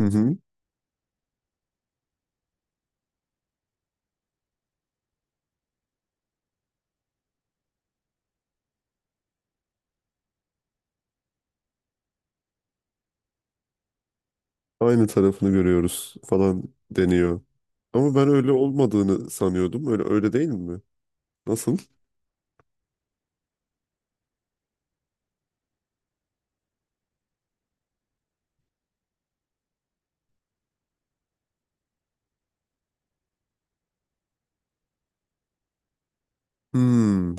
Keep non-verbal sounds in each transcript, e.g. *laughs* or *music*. Hı hı. Aynı tarafını görüyoruz falan deniyor. Ama ben öyle olmadığını sanıyordum. Öyle değil mi? Nasıl? Hmm.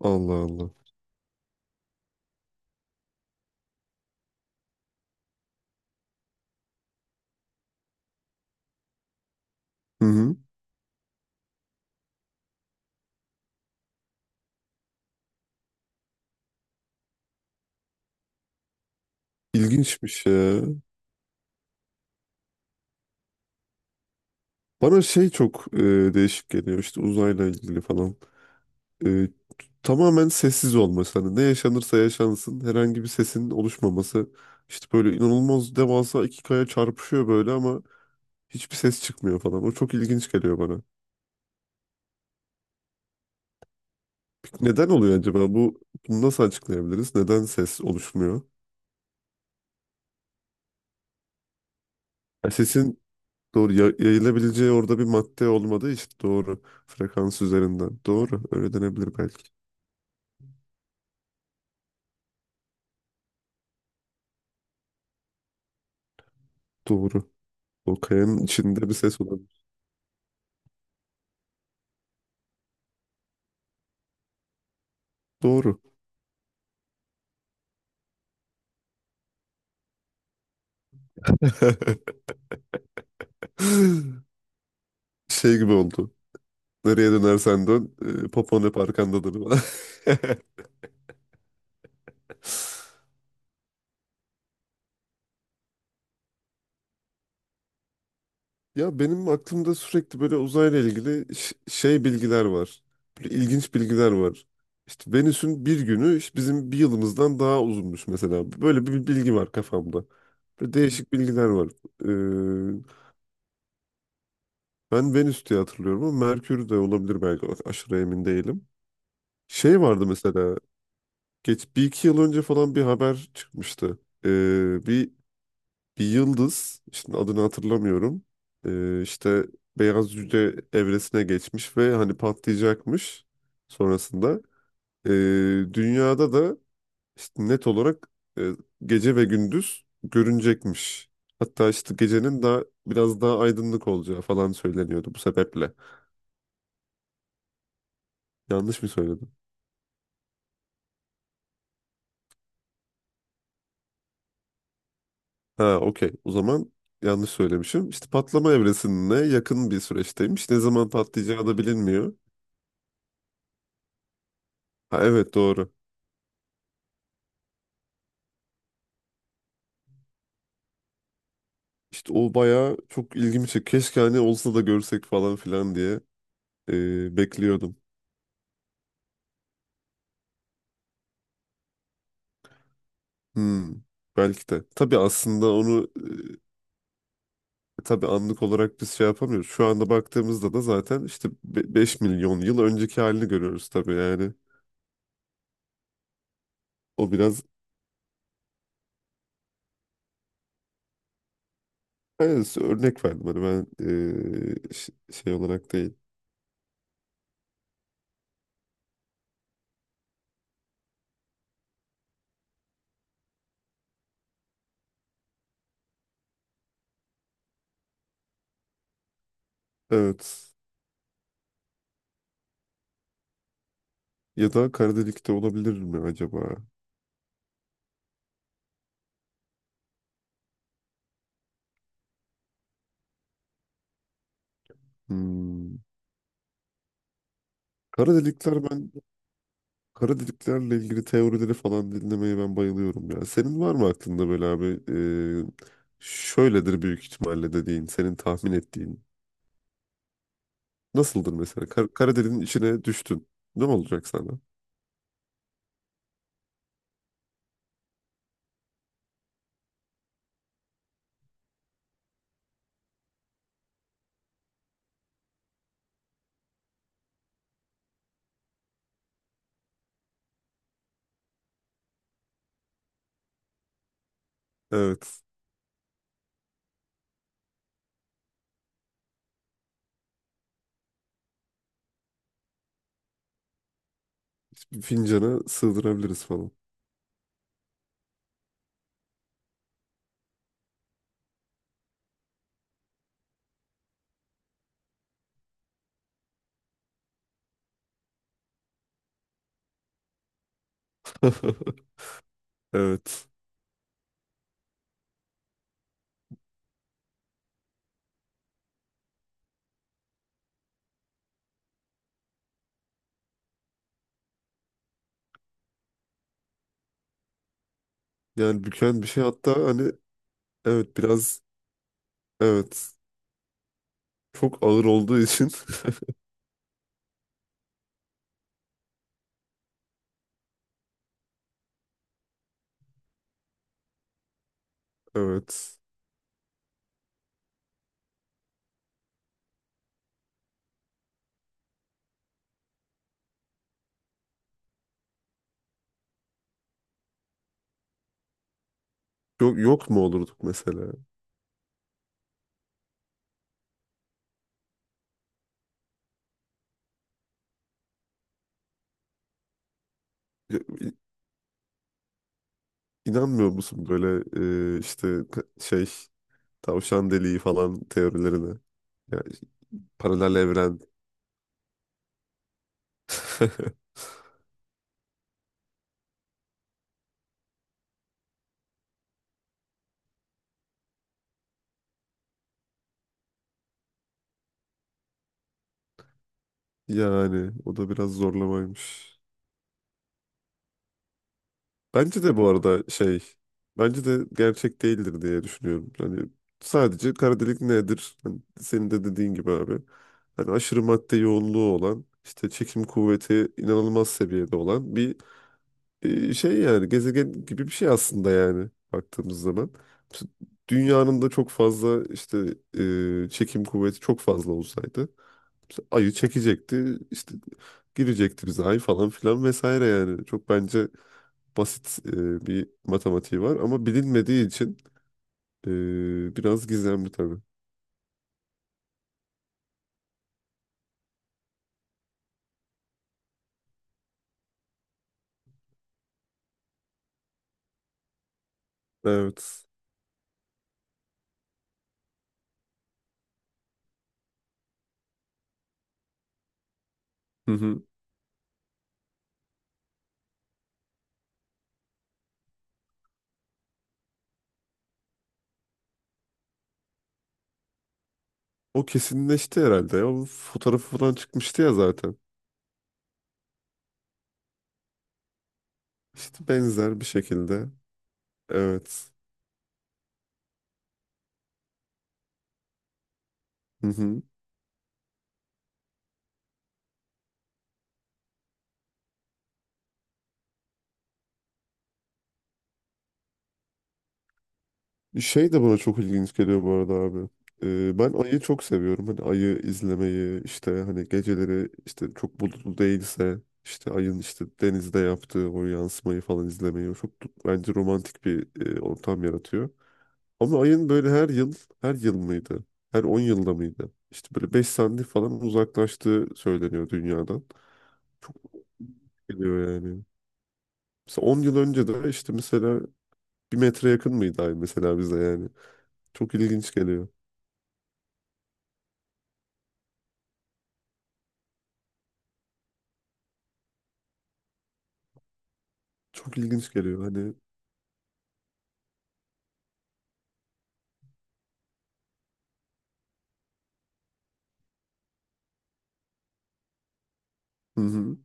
Allah Allah. Hı hı. İlginçmiş ya. Bana şey çok değişik geliyor işte uzayla ilgili falan. E, tamamen sessiz olması. Hani ne yaşanırsa yaşansın herhangi bir sesin oluşmaması. İşte böyle inanılmaz devasa iki kaya çarpışıyor böyle ama hiçbir ses çıkmıyor falan. O çok ilginç geliyor bana. Neden oluyor acaba? Bunu nasıl açıklayabiliriz? Neden ses oluşmuyor? Ha, sesin doğru yayılabileceği orada bir madde olmadığı için doğru. Frekans üzerinden. Doğru. Öyle denebilir belki. Doğru. O kayanın içinde bir ses olabilir. Doğru. *gasps* *laughs* Şey gibi oldu. Nereye dönersen dön, popon hep arkandadır. *laughs* Ya benim aklımda sürekli böyle uzayla ilgili şey bilgiler var. Böyle ilginç bilgiler var. İşte Venüs'ün bir günü işte bizim bir yılımızdan daha uzunmuş mesela. Böyle bir bilgi var kafamda. Böyle değişik bilgiler var. Ee, ben Venüs diye hatırlıyorum ama Merkür de olabilir belki. Aşırı emin değilim. Şey vardı mesela. Geç bir iki yıl önce falan bir haber çıkmıştı. Ee, Bir Bir yıldız, şimdi adını hatırlamıyorum. İşte beyaz cüce evresine geçmiş ve hani patlayacakmış sonrasında. Ee, dünyada da işte net olarak e, gece ve gündüz görünecekmiş. Hatta işte gecenin daha biraz daha aydınlık olacağı falan söyleniyordu bu sebeple. Yanlış mı söyledim? Ha, okey. O zaman yanlış söylemişim. İşte patlama evresine yakın bir süreçteymiş. Ne zaman patlayacağı da bilinmiyor. Ha, evet doğru. İşte o bayağı çok ilgimi çekti. Keşke hani olsa da görsek falan filan diye bekliyordum. Hmm, belki de. Tabii aslında onu tabii anlık olarak biz şey yapamıyoruz. Şu anda baktığımızda da zaten işte 5 milyon yıl önceki halini görüyoruz tabii yani. O biraz yani örnek verdim hani ben şey olarak değil. Evet. Ya da kara delik de olabilir mi acaba? Hmm. Kara delikler ben. Kara deliklerle ilgili teorileri falan dinlemeye ben bayılıyorum ya. Senin var mı aklında böyle abi? Şöyledir büyük ihtimalle dediğin, senin tahmin ettiğin. Nasıldır mesela? Kara deliğin içine düştün. Ne olacak sana? Evet. Bir fincana sığdırabiliriz falan. *laughs* Evet. Yani büken bir şey hatta hani evet biraz evet çok ağır olduğu için *laughs* evet. Yok, yok mu olurduk mesela? Ya, i- İnanmıyor musun böyle şey tavşan deliği falan teorilerine. Yani paralel evren. *laughs* Yani o da biraz zorlamaymış. Bence de bu arada şey, bence de gerçek değildir diye düşünüyorum. Hani sadece kara delik nedir? Hani senin de dediğin gibi abi. Hani aşırı madde yoğunluğu olan, işte çekim kuvveti inanılmaz seviyede olan bir şey yani gezegen gibi bir şey aslında yani baktığımız zaman. T- Dünyanın da çok fazla işte çekim kuvveti çok fazla olsaydı mesela ayı çekecekti işte girecekti bize ay falan filan vesaire yani. Çok bence basit bir matematiği var ama bilinmediği için biraz gizemli tabii. Evet. Hı hı. O kesinleşti herhalde. O fotoğrafı falan çıkmıştı ya zaten. İşte benzer bir şekilde. Evet. Hı hı. Şey de bana çok ilginç geliyor bu arada abi. Ben ayı çok seviyorum. Hani ayı izlemeyi işte hani geceleri işte çok bulutlu değilse işte ayın işte denizde yaptığı o yansımayı falan izlemeyi o çok bence romantik bir ortam yaratıyor. Ama ayın böyle her yıl mıydı? Her 10 yılda mıydı? İşte böyle 5 santim falan uzaklaştığı söyleniyor dünyadan. Çok geliyor yani. Mesela 10 yıl önce de işte mesela bir metre yakın mıydı ay mesela bize yani. Çok ilginç geliyor. Çok ilginç geliyor hani. Hı hı.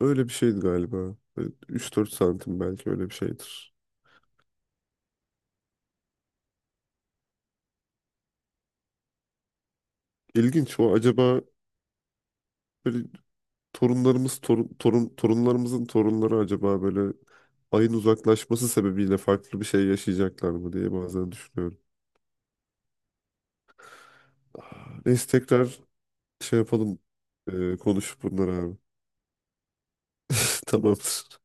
Öyle bir şeydi galiba. Böyle 3-4 santim belki öyle bir şeydir. İlginç o acaba böyle torun torunlarımızın torunları acaba böyle ayın uzaklaşması sebebiyle farklı bir şey yaşayacaklar mı diye bazen düşünüyorum. Neyse tekrar şey yapalım konuşup bunları abi. *laughs* Tamamdır.